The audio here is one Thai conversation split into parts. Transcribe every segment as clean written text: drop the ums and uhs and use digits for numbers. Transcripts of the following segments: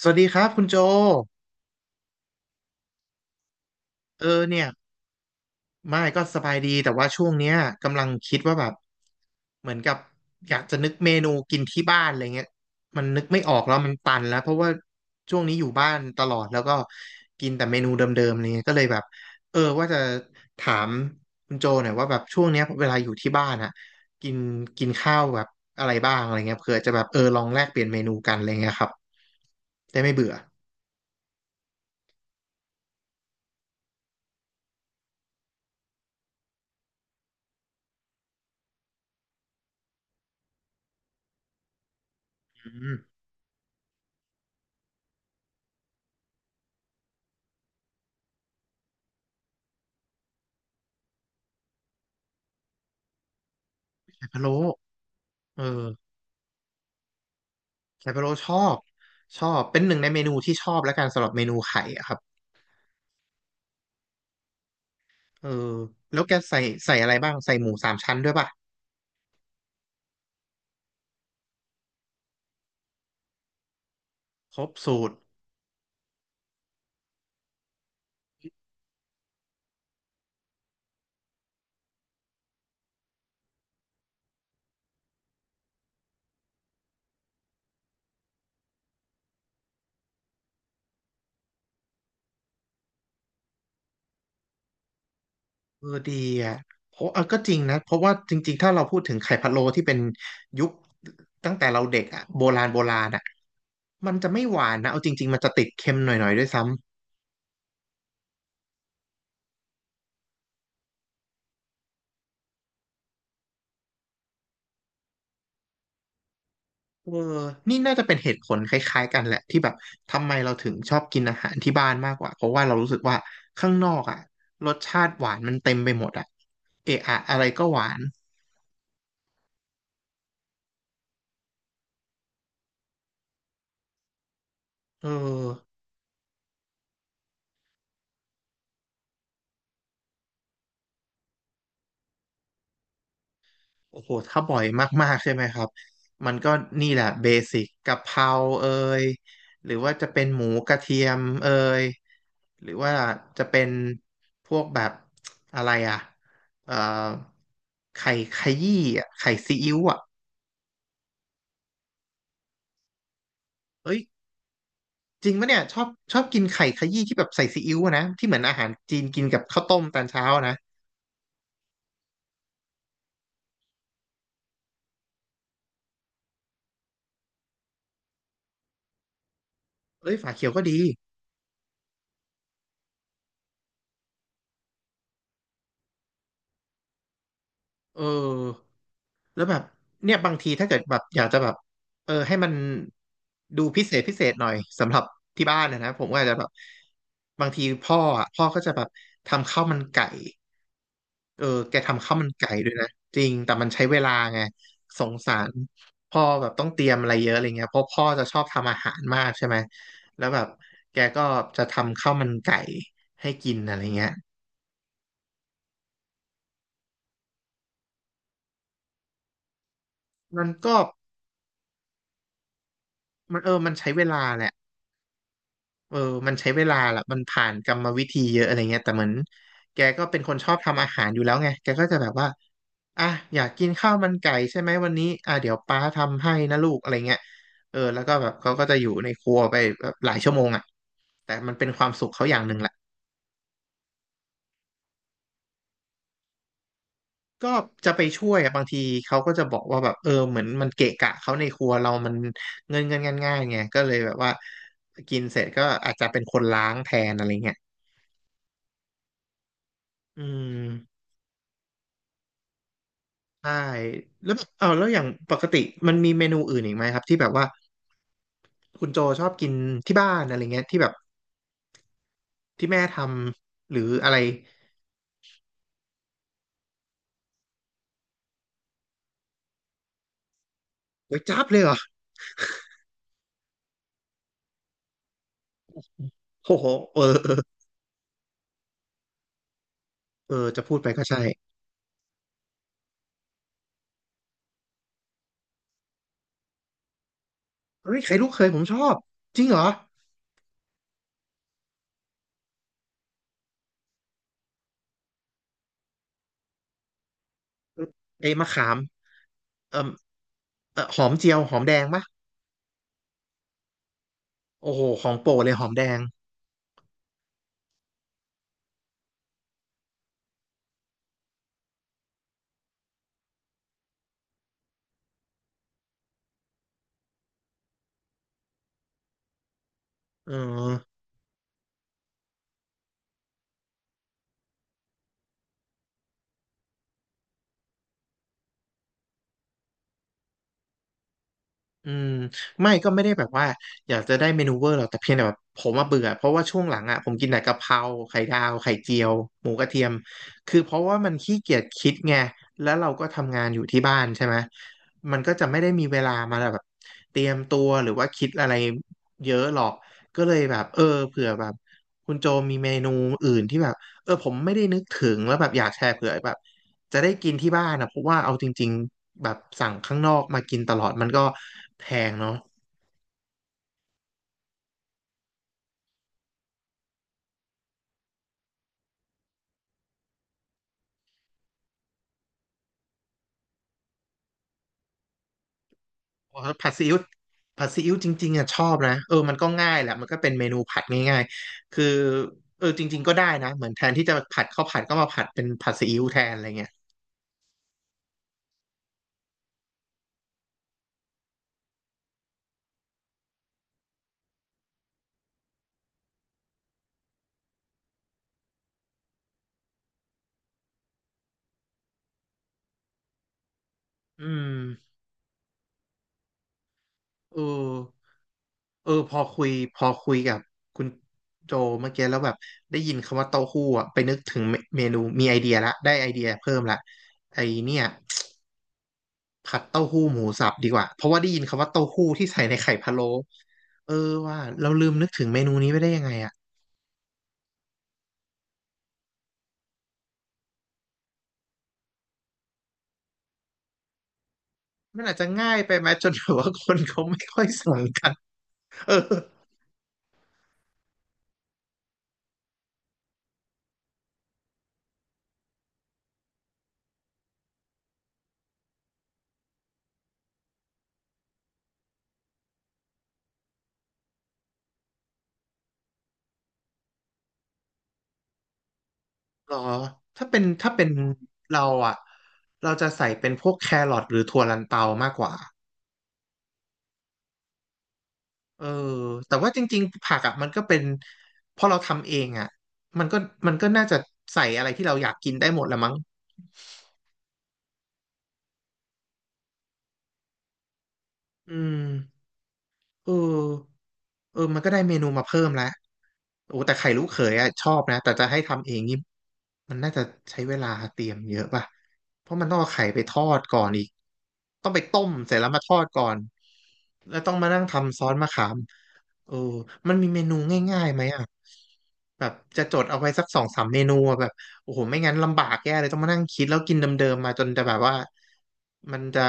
สวัสดีครับคุณโจเออเนี่ยไม่ก็สบายดีแต่ว่าช่วงเนี้ยกำลังคิดว่าแบบเหมือนกับอยากจะนึกเมนูกินที่บ้านอะไรเงี้ยมันนึกไม่ออกแล้วมันตันแล้วเพราะว่าช่วงนี้อยู่บ้านตลอดแล้วก็กินแต่เมนูเดิมๆอะไรเงี้ยก็เลยแบบเออว่าจะถามคุณโจหน่อยว่าแบบช่วงเนี้ยเวลาอยู่ที่บ้านอะกินกินข้าวแบบอะไรบ้างอะไรเงี้ยเผื่อจะแบบเออลองแลกเปลี่ยนเมนูกันอะไรเงี้ยครับได้ไม่เบื่ออืมไข่พะโล้เออ ไคโบโรชอบชอบเป็นหนึ่งในเมนูที่ชอบแล้วกันสำหรับเมนูไข่อะครับเออแล้วแกใส่ใส่อะไรบ้างใส่หมูสามชั้นด้วยป่ะครบสูตรเออดีอ่ะเพราะเออก็จริงนะเพราะว่าจริงๆถ้าเราพูดถึงไข่พะโล้ที่เป็นยุคตั้งแต่เราเด็กอ่ะโบราณโบราณอ่ะมันจะไม่หวานนะเอาจริงๆมันจะติดเค็มหน่อยๆด้วยซ้ำ เออนี่น่าจะเป็นเหตุผลคล้ายๆกันแหละที่แบบทำไมเราถึงชอบกินอาหารที่บ้านมากกว่าเพราะว่าเรารู้สึกว่าข้างนอกอ่ะรสชาติหวานมันเต็มไปหมดอ่ะเอะอะอะไรก็หวานเออโอ้โหถ้าบ่อยมากๆใช่ไหมครับมันก็นี่แหละเบสิกกะเพราเอยหรือว่าจะเป็นหมูกระเทียมเอยหรือว่าจะเป็นพวกแบบอะไรอ่ะเอ่อไข่ขยี้อ่ะไข่ซีอิ๊วอ่ะเอ้ย จริงปะเนี่ยชอบชอบกินไข่ขยี้ที่แบบใส่ซีอิ๊วอะนะที่เหมือนอาหารจีนกินกับข้าวต้มตอนเช้าอะนะเอ้ยฝาเขียวก็ดีเออแล้วแบบเนี่ยบางทีถ้าเกิดแบบอยากจะแบบเออให้มันดูพิเศษพิเศษหน่อยสำหรับที่บ้านนะนะผมก็อาจจะแบบบางทีพ่ออ่ะพ่อก็จะแบบทำข้าวมันไก่ เออแกทำข้าวมันไก่ด้วยนะจริง แต่มันใช้เวลาไงสงสารพ่อแบบต้องเตรียมอะไรเยอะอะไรเงี้ยเพราะพ่อจะชอบทำอาหารมากใช่ไหม แล้วแบบแกก็จะทำข้าวมันไก่ให้กินอะไรเงี้ยมันก็มันเออมันใช้เวลาแหละ เออมันใช้เวลาละมันผ่านกรรมวิธีเยอะอะไรเงี้ยแต่เหมือนแกก็เป็นคนชอบทำอาหารอยู่แล้วไงแกก็จะแบบว่าอ่ะอยากกินข้าวมันไก่ใช่ไหมวันนี้อ่ะเดี๋ยวป้าทำให้นะลูกอะไรเงี้ยเออแล้วก็แบบเขาก็จะอยู่ในครัวไปแบบหลายชั่วโมงอ่ะแต่มันเป็นความสุขเขาอย่างหนึ่งแหละก็จะไปช่วยอะบางทีเขาก็จะบอกว่าแบบเออเหมือนมันเกะกะเขาในครัวเรามันเงินง่ายๆไงก็เลยแบบว่ากินเสร็จก็อาจจะเป็นคนล้างแทนอะไรเงี้ยอืม ใช่แล้วแบบเอาแล้วอย่างปกติมันมีเมนูอื่นอีกไหมครับที่แบบว่าคุณโจชอบกินที่บ้านอะไรเงี้ยที่แบบที่แม่ทำหรืออะไรก๋วยจั๊บเลยเหรอโอ้โหเออเออเออจะพูดไปก็ใช่เฮ้ยไข่ลูกเคยผมชอบจริงเหรอไอ้มะขามเออเออหอมเจียวหอมแดงปะโอ้โหของโปรดเลยหอมแดงเออ อืมไม่ก็ไม่ได้แบบว่าอยากจะได้เมนูเวอร์หรอกแต่เพียงแต่แบบผมมาเบื่อเพราะว่าช่วงหลังอ่ะผมกินแต่กะเพราไข่ดาวไข่เจียวหมูกระเทียมคือเพราะว่ามันขี้เกียจคิดไงแล้วเราก็ทำงานอยู่ที่บ้านใช่ไหมมันก็จะไม่ได้มีเวลามาแบบเตรียมตัวหรือว่าคิดอะไรเยอะหรอกก็เลยแบบเออเผื่อแบบคุณโจมีเมนูอื่นที่แบบเออผมไม่ได้นึกถึงแล้วแบบอยากแชร์เผื่อแบบ จะได้กินที่บ้านนะเพราะว่าเอาจริงๆแบบสั่งข้างนอกมากินตลอดมันก็แพงเนาะผัดซีอิ๊วผัดซีอิ๊วจริงๆอ่ะชอบนะเออมันก็ง่ายแหละมันก็เป็นเมนูผัดง่ายๆคือเออจริงๆก็ได้นะเหมือนแทนที่จะผัดข้าวผัดก็มาผัดเป็นผัดซีอิ๊วแทนอะไรเงี้ยอืมเออเออพอคุยกับคุณโจเมื่อกี้แล้วแบบได้ยินคำว่าเต้าหู้อะไปนึกถึงเมนูมีไอเดียละได้ไอเดียเพิ่มละไอเนี่ย ผัดเต้าหู้หมูสับดีกว่า เพราะว่าได้ยินคำว่าเต้าหู้ที่ใส่ในไข่พะโล้เออว่าเราลืมนึกถึงเมนูนี้ไปได้ยังไงอ่ะมันอาจจะง่ายไปไหมจนแบบว่าคนเขาไม่ค่อยสั่งกันเออหรอถ้าเป็นเราอ่ะเราจะใส่เป็นพวกแครอทหรือถั่วลันเตามากกว่าเออแต่ว่าจริงๆผักอ่ะมันก็เป็นพอเราทำเองอ่ะมันก็มันก็น่าจะใส่อะไรที่เราอยากกินได้หมดละมั้งอืม เออเออมันก็ได้เมนูมาเพิ่มแล้วโอ้แต่ไข่ลูกเขยอะชอบนะแต่จะให้ทำเองนี่มันน่าจะใช้เวลาเตรียมเยอะป่ะเพราะมันต้องเอาไข่ไปทอดก่อนอีกต้องไปต้มเสร็จแล้วมาทอดก่อนแล้วต้องมานั่งทำซอสมะขามเออมันมีเมนูง่ายๆไหมอ่ะแบบจะจดเอาไว้สักสองสามเมนูอะแบบโอ้โหไม่งั้นลำบากแย่เลยต้องมานั่งคิดแล้วกินเดิมๆมาจนจะแบบว่ามันจะ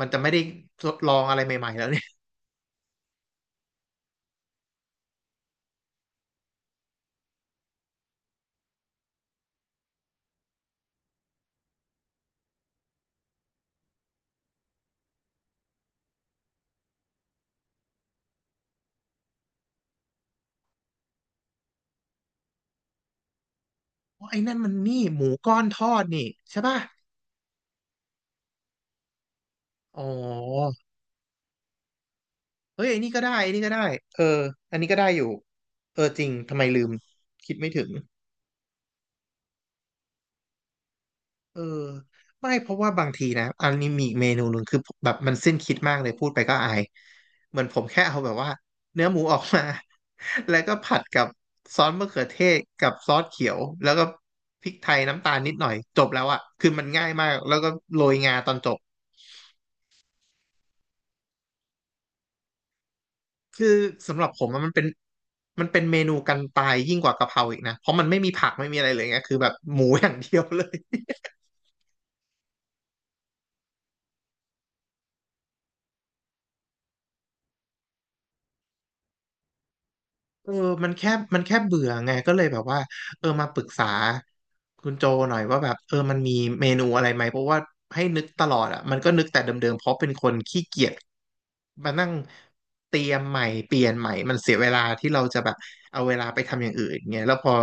ไม่ได้ทดลองอะไรใหม่ๆแล้วเนี่ย อ๋อไอ้นั่นมันนี่หมูก้อนทอดนี่ใช่ป่ะ อ๋อเฮ้ยไอ้นี่ก็ได้ไอ้นี่ก็ได้เอออันนี้ก็ได้อยู่เออจริงทำไมลืมคิดไม่ถึงเออไม่เพราะว่าบางทีนะอันนี้มีอีกเมนูหนึ่งคือแบบมันสิ้นคิดมากเลยพูดไปก็อายเหมือนผมแค่เอาแบบว่าเนื้อหมูออกมา แล้วก็ผัดกับซอสมะเขือเทศกับซอสเขียวแล้วก็พริกไทยน้ำตาลนิดหน่อยจบแล้วอ่ะคือมันง่ายมากแล้วก็โรยงาตอนจบ คือสำหรับผมอะมันเป็นเมนูกันตายยิ่งกว่ากะเพราอีกนะเพราะมันไม่มีผักไม่มีอะไรเลยไงคือแบบหมูอย่างเดียวเลย เออมันแค่มันแค่เบื่อไงก็เลยแบบว่าเออมาปรึกษาคุณโจหน่อยว่าแบบเออมันมีเมนูอะไรไหมเพราะว่าให้นึกตลอดอ่ะมันก็นึกแต่เดิมๆเพราะเป็นคนขี้เกียจมานั่งเตรียมใหม่เปลี่ยนใหม่มันเสียเวลาที่เราจะแบบเอาเวลาไปทำอย่างอื่นเงี้ยแล้วพอ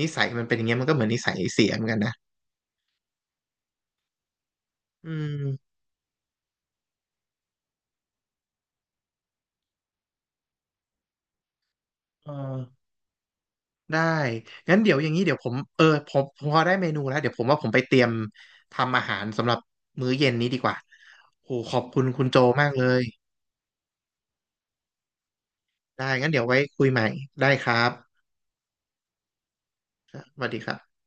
นิสัยมันเป็นอย่างเงี้ยมันก็เหมือนนิสัยเสียเหมือนกันนะอืมเออ ได้ งั้นเดี๋ยวอย่างนี้เดี๋ยวผมเออผมพอได้เมนูแล้วเดี๋ยวผมว่าผมไปเตรียมทำอาหารสำหรับมื้อเย็นนี้ดีกว่าโหขอบคุณคุณโจมากเลย ได้ งั้นเดี๋ยวไว้คุยใหม่ ได้ครับสวัสดีครับ